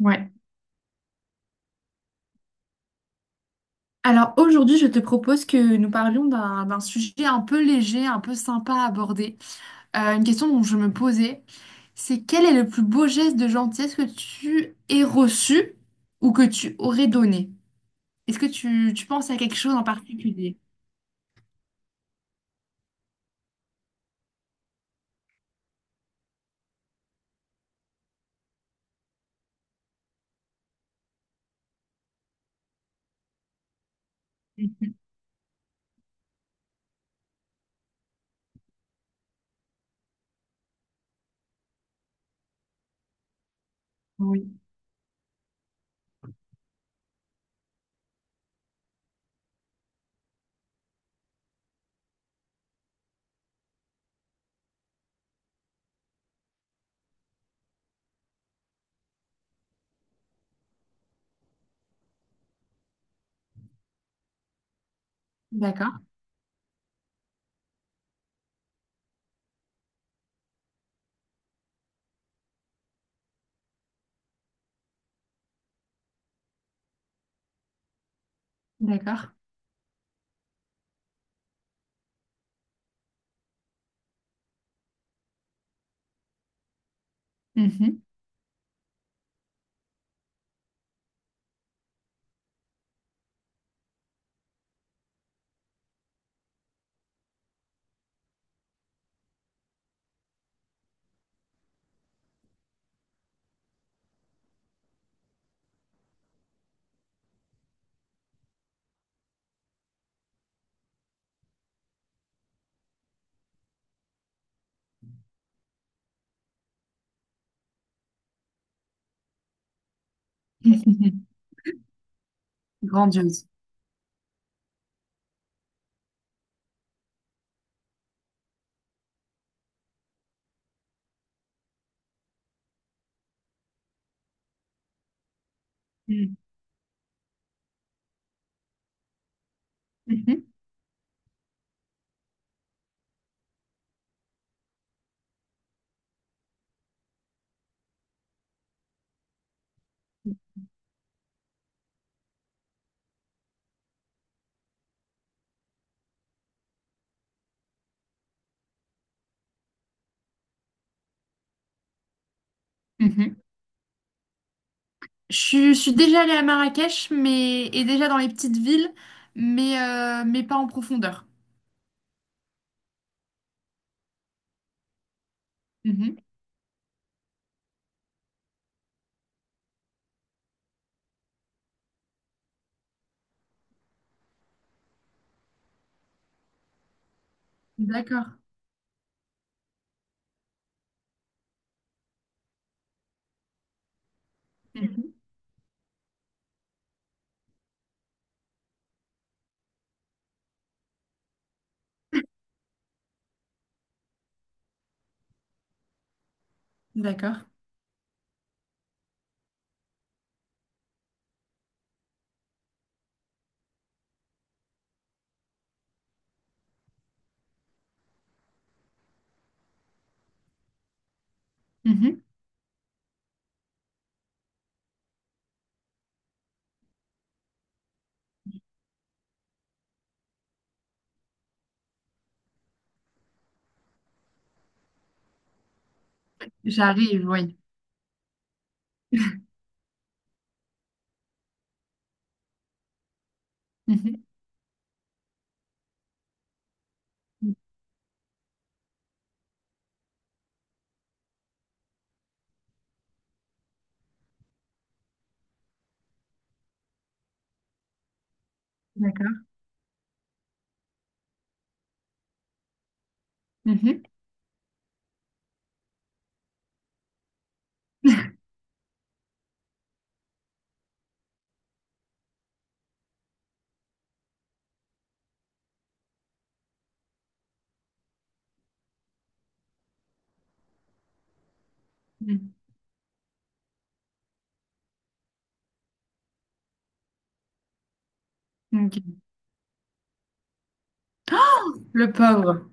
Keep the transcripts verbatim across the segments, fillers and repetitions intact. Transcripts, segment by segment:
Ouais. Alors aujourd'hui, je te propose que nous parlions d'un d'un sujet un peu léger, un peu sympa à aborder. Euh, une question dont je me posais, c'est quel est le plus beau geste de gentillesse que tu aies reçu ou que tu aurais donné? Est-ce que tu, tu penses à quelque chose en particulier? Mhm. Oui. D'accord, d'accord. Mhm. Grandiose. Mhm. Mhm. Mhm. Je, suis je suis déjà allée à Marrakech mais, et déjà dans les petites villes, mais, euh, mais pas en profondeur. D'accord. Mhm. D'accord. Mhm. J'arrive, oui. Mhm. D'accord. Mhm. Mhm. Ok. Le pauvre.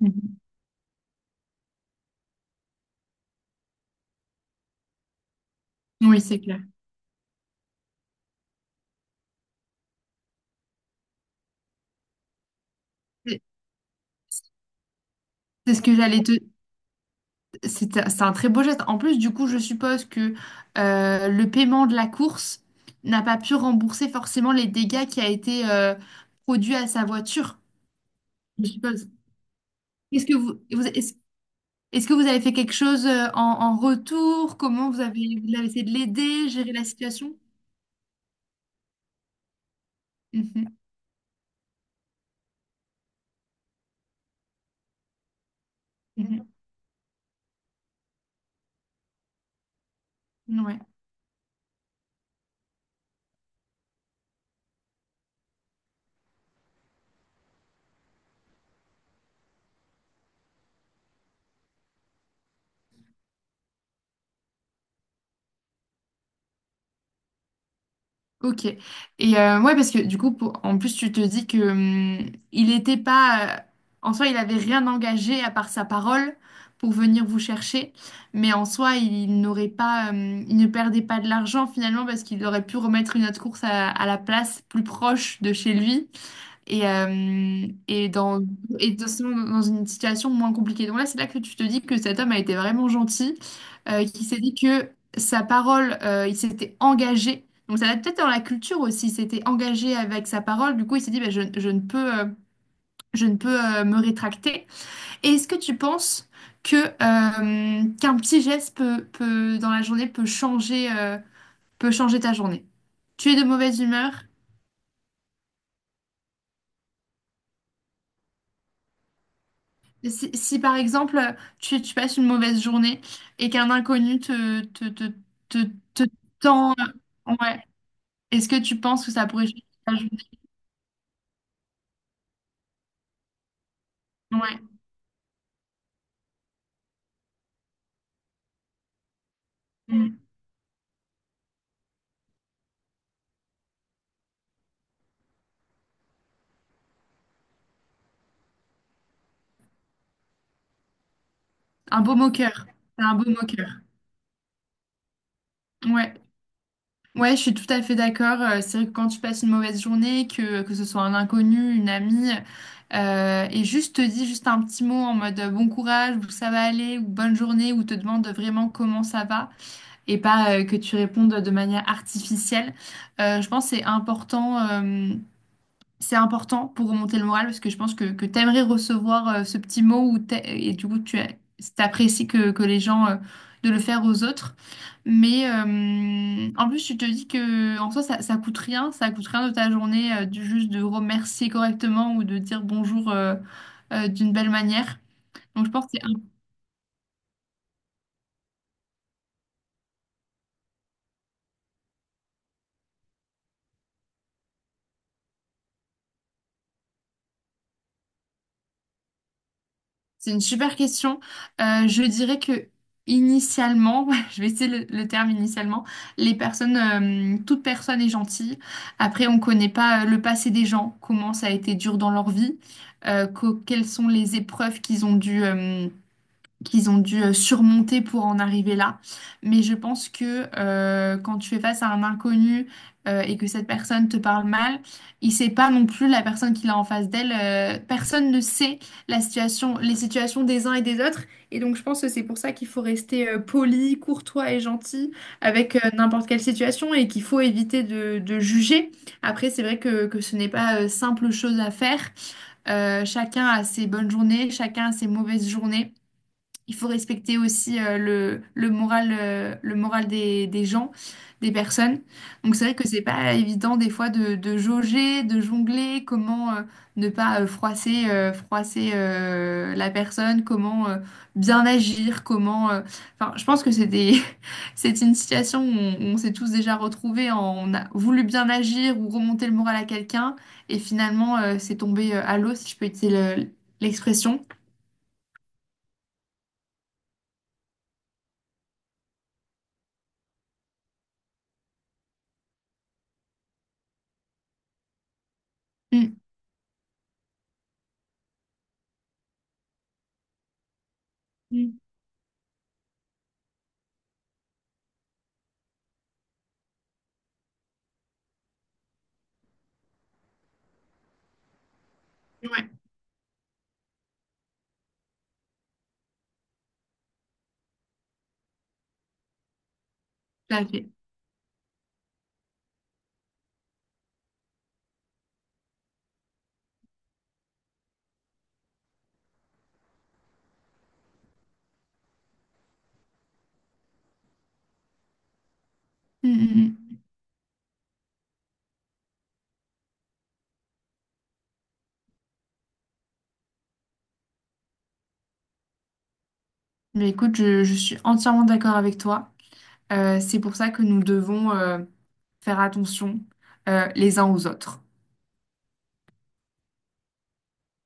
Mhm. Oui, c'est clair. C'est c'est ce que j'allais te... C'est c'est un très beau geste. En plus, du coup, je suppose que euh, le paiement de la course n'a pas pu rembourser forcément les dégâts qui a été euh, produit à sa voiture, je suppose. Est-ce que vous, vous- est-ce, est-ce que vous avez fait quelque chose euh, en, en retour? Comment vous avez, vous avez essayé de l'aider, gérer la situation? Mhm. Mhm. Ouais, ok. Et euh, ouais, parce que du coup, pour- en plus, tu te dis que hum, il était pas. Euh, en soi, il avait rien engagé à part sa parole pour venir vous chercher. Mais en soi, il n'aurait pas. Hum, il ne perdait pas de l'argent finalement parce qu'il aurait pu remettre une autre course à, à la place plus proche de chez lui. et, euh, et, dans, et de- Dans une situation moins compliquée. Donc là, c'est là que tu te dis que cet homme a été vraiment gentil, euh, qui s'est dit que sa parole, euh, il s'était engagé. Donc ça va peut-être dans la culture aussi, il s'était engagé avec sa parole. Du coup, il s'est dit, bah, je, je ne peux, euh, je ne peux euh, me rétracter. Et est-ce que tu penses que, euh, qu'un petit geste peut, peut, dans la journée peut changer, euh, peut changer ta journée? Tu es de mauvaise humeur? Si, si, par exemple, tu, tu passes une mauvaise journée et qu'un inconnu te, te, te, te, te tend, ouais, est-ce que tu penses que ça pourrait changer ta journée? Ouais. Mm. Un beau moqueur. C'est un beau moqueur. Ouais. Ouais, je suis tout à fait d'accord. Euh, C'est vrai que quand tu passes une mauvaise journée, que, que ce soit un inconnu, une amie, euh, et juste te dit juste un petit mot en mode euh, bon courage, ou ça va aller, ou bonne journée, ou te demande vraiment comment ça va. Et pas euh, que tu répondes de manière artificielle. Euh, je pense que c'est important, euh, c'est important pour remonter le moral parce que je pense que, que tu aimerais recevoir euh, ce petit mot ou t'a- et du coup tu apprécies que, que les gens euh, de le faire aux autres. Mais euh, en plus, tu te dis que en soi, ça, ça coûte rien, ça coûte rien de ta journée, euh, du- juste de remercier correctement ou de dire bonjour euh, euh, d'une belle manière. Donc je pense que c'est C'est une super question. Euh, je dirais que initialement, je vais essayer le, le terme initialement, les personnes, euh, toute personne est gentille. Après, on ne connaît pas euh, le passé des gens, comment ça a été dur dans leur vie, euh, co- quelles sont les épreuves qu'ils ont dû, euh, qu'ils ont dû euh, surmonter pour en arriver là. Mais je pense que euh, quand tu fais face à un inconnu euh, et que cette personne te parle mal, il sait pas non plus la personne qu'il a en face d'elle. Euh, personne ne sait la situation, les situations des uns et des autres. Et donc je pense que c'est pour ça qu'il faut rester euh, poli, courtois et gentil avec euh, n'importe quelle situation et qu'il faut éviter de, de juger. Après, c'est vrai que, que ce n'est pas euh, simple chose à faire. Euh, chacun a ses bonnes journées, chacun a ses mauvaises journées. Il faut respecter aussi euh, le, le moral, euh, le moral des, des gens, des personnes. Donc c'est vrai que c'est pas évident des fois de, de jauger, de jongler, comment euh, ne pas euh, froisser, euh, froisser euh, la personne, comment euh, bien agir, comment. Euh, Enfin, je pense que c'est des, c'est une situation où on, on s'est tous déjà retrouvés, en- on a voulu bien agir ou remonter le moral à quelqu'un et finalement euh, c'est tombé euh, à l'eau, si je peux utiliser le- l'expression. Mm. Mm. Ouais, tout à fait. Mm, mm, mm. Mais écoute, je, je suis entièrement d'accord avec toi. Euh, c'est pour ça que nous devons euh, faire attention euh, les uns aux autres.